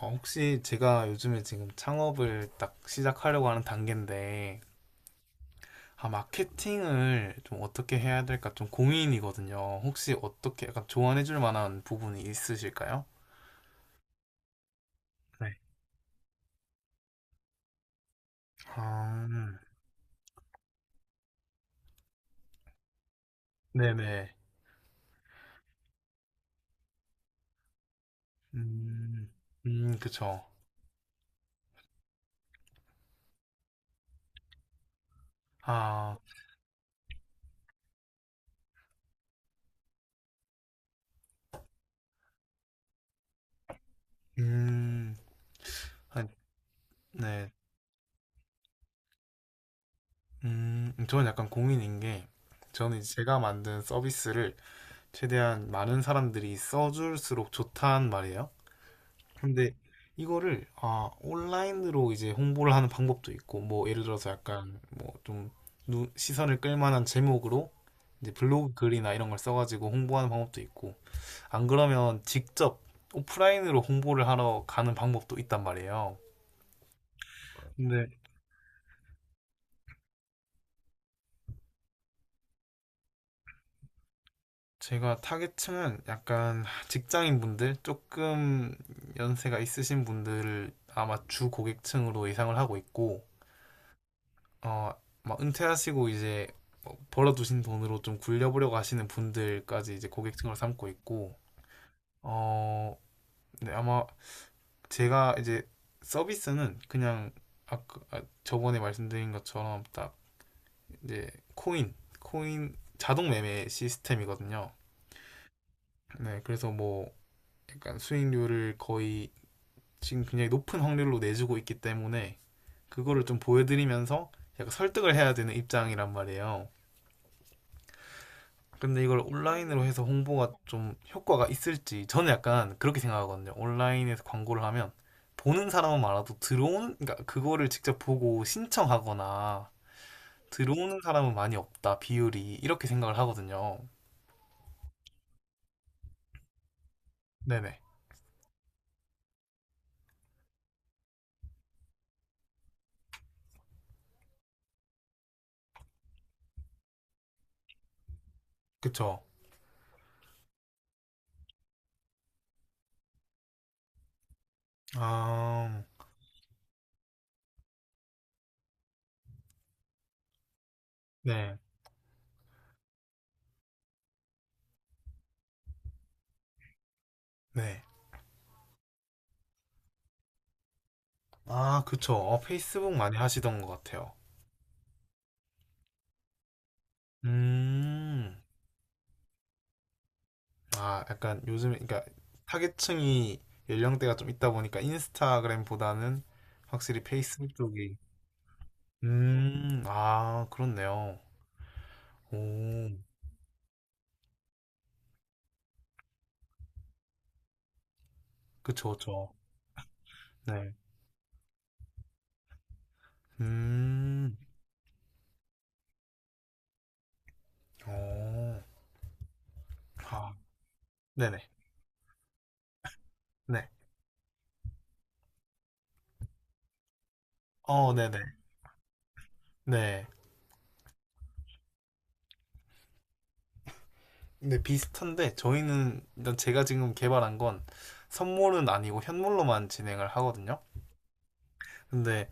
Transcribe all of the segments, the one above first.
혹시 제가 요즘에 지금 창업을 딱 시작하려고 하는 단계인데, 마케팅을 좀 어떻게 해야 될까 좀 고민이거든요. 혹시 어떻게 약간 조언해 줄 만한 부분이 있으실까요? 네. 아, 네네. 음, 그쵸. 아, 음, 아, 네. 저는 약간 고민인 게, 저는 이제 제가 만든 서비스를 최대한 많은 사람들이 써줄수록 좋단 말이에요. 근데 이거를 온라인으로 이제 홍보를 하는 방법도 있고 뭐 예를 들어서 약간 뭐좀 시선을 끌만한 제목으로 이제 블로그 글이나 이런 걸 써가지고 홍보하는 방법도 있고 안 그러면 직접 오프라인으로 홍보를 하러 가는 방법도 있단 말이에요. 근데 제가 타겟층은 약간 직장인 분들 조금 연세가 있으신 분들을 아마 주 고객층으로 예상을 하고 있고 어, 막 은퇴하시고 이제 뭐 벌어두신 돈으로 좀 굴려보려고 하시는 분들까지 이제 고객층을 삼고 있고, 어, 네, 아마 제가 이제 서비스는 그냥 아까 저번에 말씀드린 것처럼 딱 이제 코인, 코인 자동 매매 시스템이거든요. 네, 그래서 뭐 약간 수익률을 거의 지금 굉장히 높은 확률로 내주고 있기 때문에 그거를 좀 보여드리면서 약간 설득을 해야 되는 입장이란 말이에요. 근데 이걸 온라인으로 해서 홍보가 좀 효과가 있을지 저는 약간 그렇게 생각하거든요. 온라인에서 광고를 하면 보는 사람은 많아도 들어오는 그러니까 그거를 직접 보고 신청하거나 들어오는 사람은 많이 없다 비율이 이렇게 생각을 하거든요. 네네 그쵸. 아 네. 네. 아 그쵸. 페이스북 많이 하시던 것 같아요. 음. 약간 요즘에, 그러니까 타겟층이 연령대가 좀 있다 보니까 인스타그램보다는 확실히 페이스북 쪽이. 아, 그렇네요. 오, 그쵸, 그쵸. 네. 음, 오, 아, 네네. 네. 어, 네네. 네. 네, 비슷한데, 저희는, 일단 제가 지금 개발한 건 선물은 아니고 현물로만 진행을 하거든요. 근데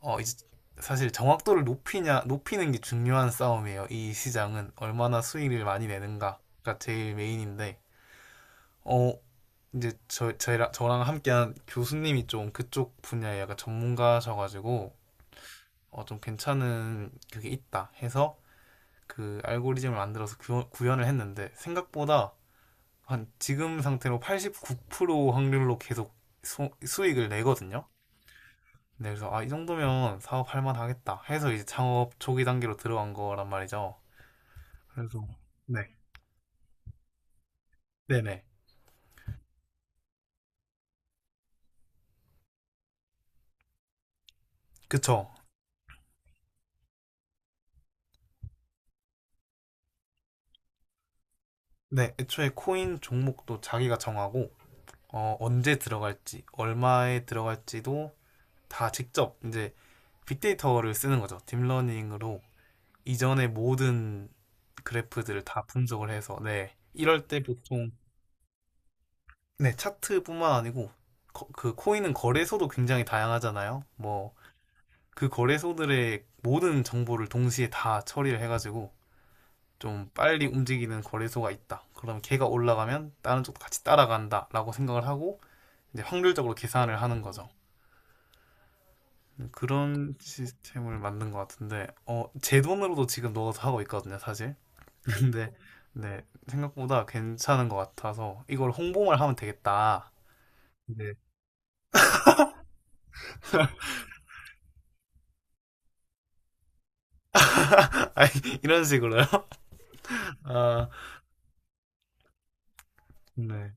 이제 사실 정확도를 높이는 게 중요한 싸움이에요. 이 시장은 얼마나 수익을 많이 내는가가 제일 메인인데, 어, 이제 저랑 함께한 교수님이 좀 그쪽 분야에 약간 전문가셔가지고, 좀 괜찮은 그게 있다 해서 그 알고리즘을 만들어서 구현을 했는데, 생각보다 한 지금 상태로 89% 확률로 계속 수익을 내거든요. 네, 그래서 이 정도면 사업할 만하겠다 해서 이제 창업 초기 단계로 들어간 거란 말이죠. 그래서 네, 네네, 그쵸. 네, 애초에 코인 종목도 자기가 정하고 언제 들어갈지, 얼마에 들어갈지도 다 직접 이제 빅데이터를 쓰는 거죠. 딥러닝으로 이전의 모든 그래프들을 다 분석을 해서 네, 이럴 때 보통 네, 차트뿐만 아니고 그 코인은 거래소도 굉장히 다양하잖아요. 뭐 그 거래소들의 모든 정보를 동시에 다 처리를 해가지고 좀 빨리 움직이는 거래소가 있다. 그럼 걔가 올라가면 다른 쪽도 같이 따라간다라고 생각을 하고 이제 확률적으로 계산을 하는 거죠. 그런 시스템을 만든 것 같은데 제 돈으로도 지금 넣어서 하고 있거든요, 사실. 근데 네, 생각보다 괜찮은 것 같아서 이걸 홍보만 하면 되겠다. 네. 아니, 이런 식으로요. 아, 네.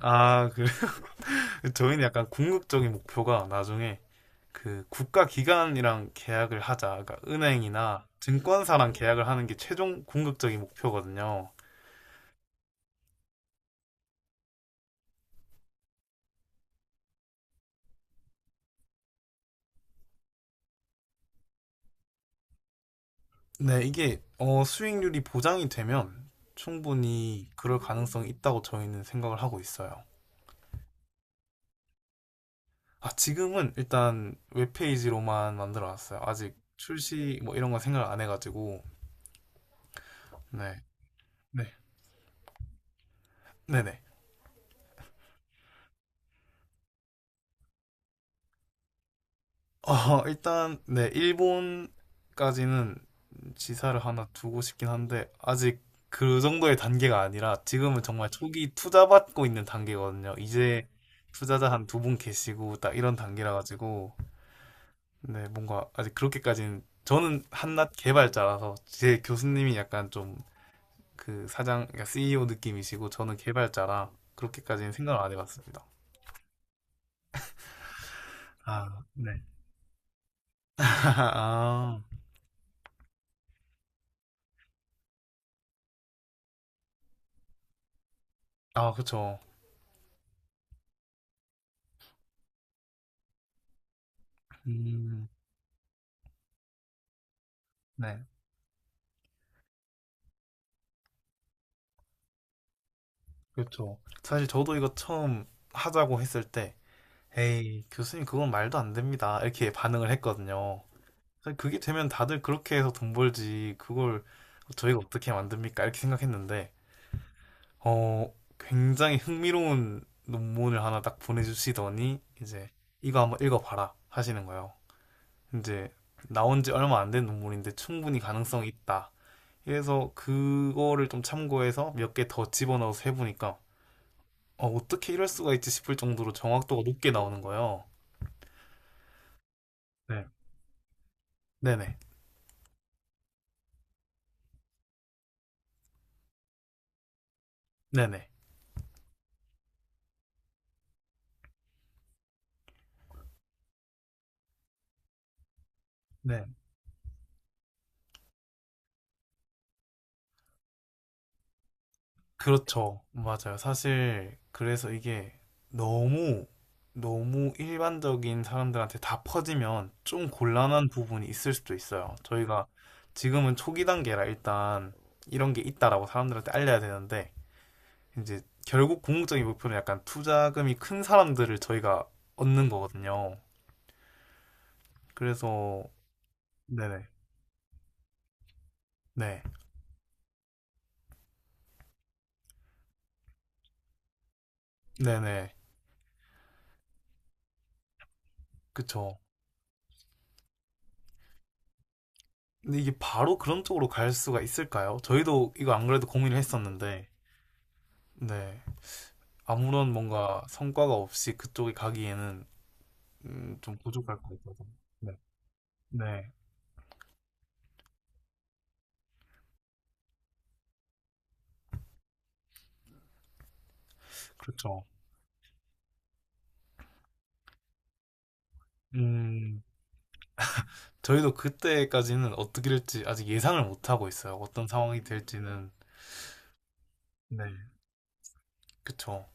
아, 그 저희는 약간 궁극적인 목표가 나중에 그 국가 기관이랑 계약을 하자. 그러니까 은행이나 증권사랑 계약을 하는 게 최종 궁극적인 목표거든요. 네, 이게 수익률이 보장이 되면 충분히 그럴 가능성이 있다고 저희는 생각을 하고 있어요. 아, 지금은 일단 웹페이지로만 만들어 놨어요. 아직 출시 뭐 이런 건 생각 안 해가지고. 네, 네, 네네. 일단, 네, 일본까지는 지사를 하나 두고 싶긴 한데 아직 그 정도의 단계가 아니라 지금은 정말 초기 투자 받고 있는 단계거든요. 이제 투자자 한 두 분 계시고 딱 이런 단계라 가지고 네 뭔가 아직 그렇게까지는 저는 한낱 개발자라서 제 교수님이 약간 좀 그 사장 그러니까 CEO 느낌이시고 저는 개발자라 그렇게까지는 생각을 안 해봤습니다. 아, 네. 아, 아, 그쵸. 음, 네, 그쵸. 사실 저도 이거 처음 하자고 했을 때 에이, 교수님 그건 말도 안 됩니다. 이렇게 반응을 했거든요. 그러니까 그게 되면 다들 그렇게 해서 돈 벌지. 그걸 저희가 어떻게 만듭니까? 이렇게 생각했는데, 어, 굉장히 흥미로운 논문을 하나 딱 보내주시더니, 이제 이거 한번 읽어봐라 하시는 거예요. 이제 나온 지 얼마 안 된 논문인데 충분히 가능성이 있다. 그래서 그거를 좀 참고해서 몇 개 더 집어넣어서 해보니까, 어떻게 이럴 수가 있지 싶을 정도로 정확도가 높게 나오는 거예요. 네. 네네. 네네. 네. 그렇죠. 맞아요. 사실 그래서 이게 너무 너무 일반적인 사람들한테 다 퍼지면 좀 곤란한 부분이 있을 수도 있어요. 저희가 지금은 초기 단계라 일단 이런 게 있다라고 사람들한테 알려야 되는데 이제 결국 궁극적인 목표는 약간 투자금이 큰 사람들을 저희가 얻는 거거든요. 그래서 네네. 네. 네네. 그쵸. 근데 이게 바로 그런 쪽으로 갈 수가 있을까요? 저희도 이거 안 그래도 고민을 했었는데 네. 아무런 뭔가 성과가 없이 그쪽에 가기에는 좀 부족할 것 같아서. 네. 네. 그렇죠. 음, 저희도 그때까지는 어떻게 될지 아직 예상을 못 하고 있어요. 어떤 상황이 될지는. 네. 그쵸.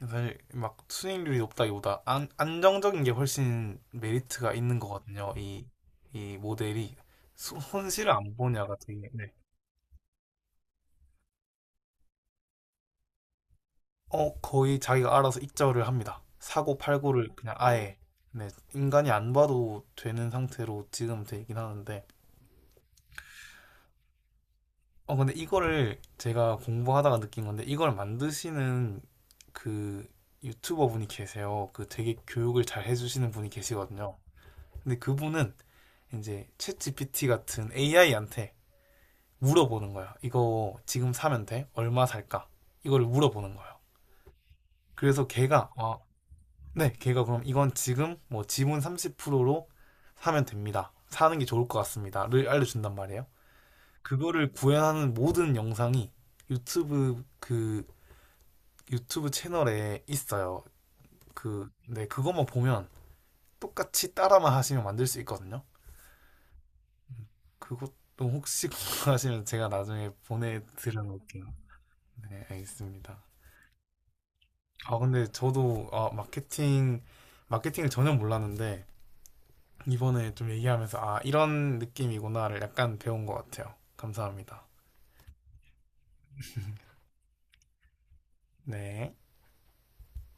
사실 막 수익률이 높다기보다 안, 안정적인 게 훨씬 메리트가 있는 거거든요. 이 모델이. 손실을 안 보냐가 되게, 네. 거의 자기가 알아서 익절을 합니다. 사고 팔고를 그냥 아예 네, 인간이 안 봐도 되는 상태로 지금 되긴 하는데 근데 이거를 제가 공부하다가 느낀 건데 이걸 만드시는 그 유튜버 분이 계세요. 그 되게 교육을 잘 해주시는 분이 계시거든요. 근데 그분은 이제 챗 GPT 같은 AI한테 물어보는 거야. 이거 지금 사면 돼? 얼마 살까? 이거를 물어보는 거예요. 그래서 네, 걔가 그럼 이건 지금 뭐 지분 30%로 사면 됩니다. 사는 게 좋을 것 같습니다.를 알려준단 말이에요. 그거를 구현하는 모든 영상이 유튜브 그 유튜브 채널에 있어요. 그, 네, 그것만 보면 똑같이 따라만 하시면 만들 수 있거든요. 그것도 혹시 궁금하시면 제가 나중에 보내드려 놓을게요. 네, 알겠습니다. 근데 저도 마케팅을 전혀 몰랐는데 이번에 좀 얘기하면서 아 이런 느낌이구나를 약간 배운 것 같아요. 감사합니다. 네.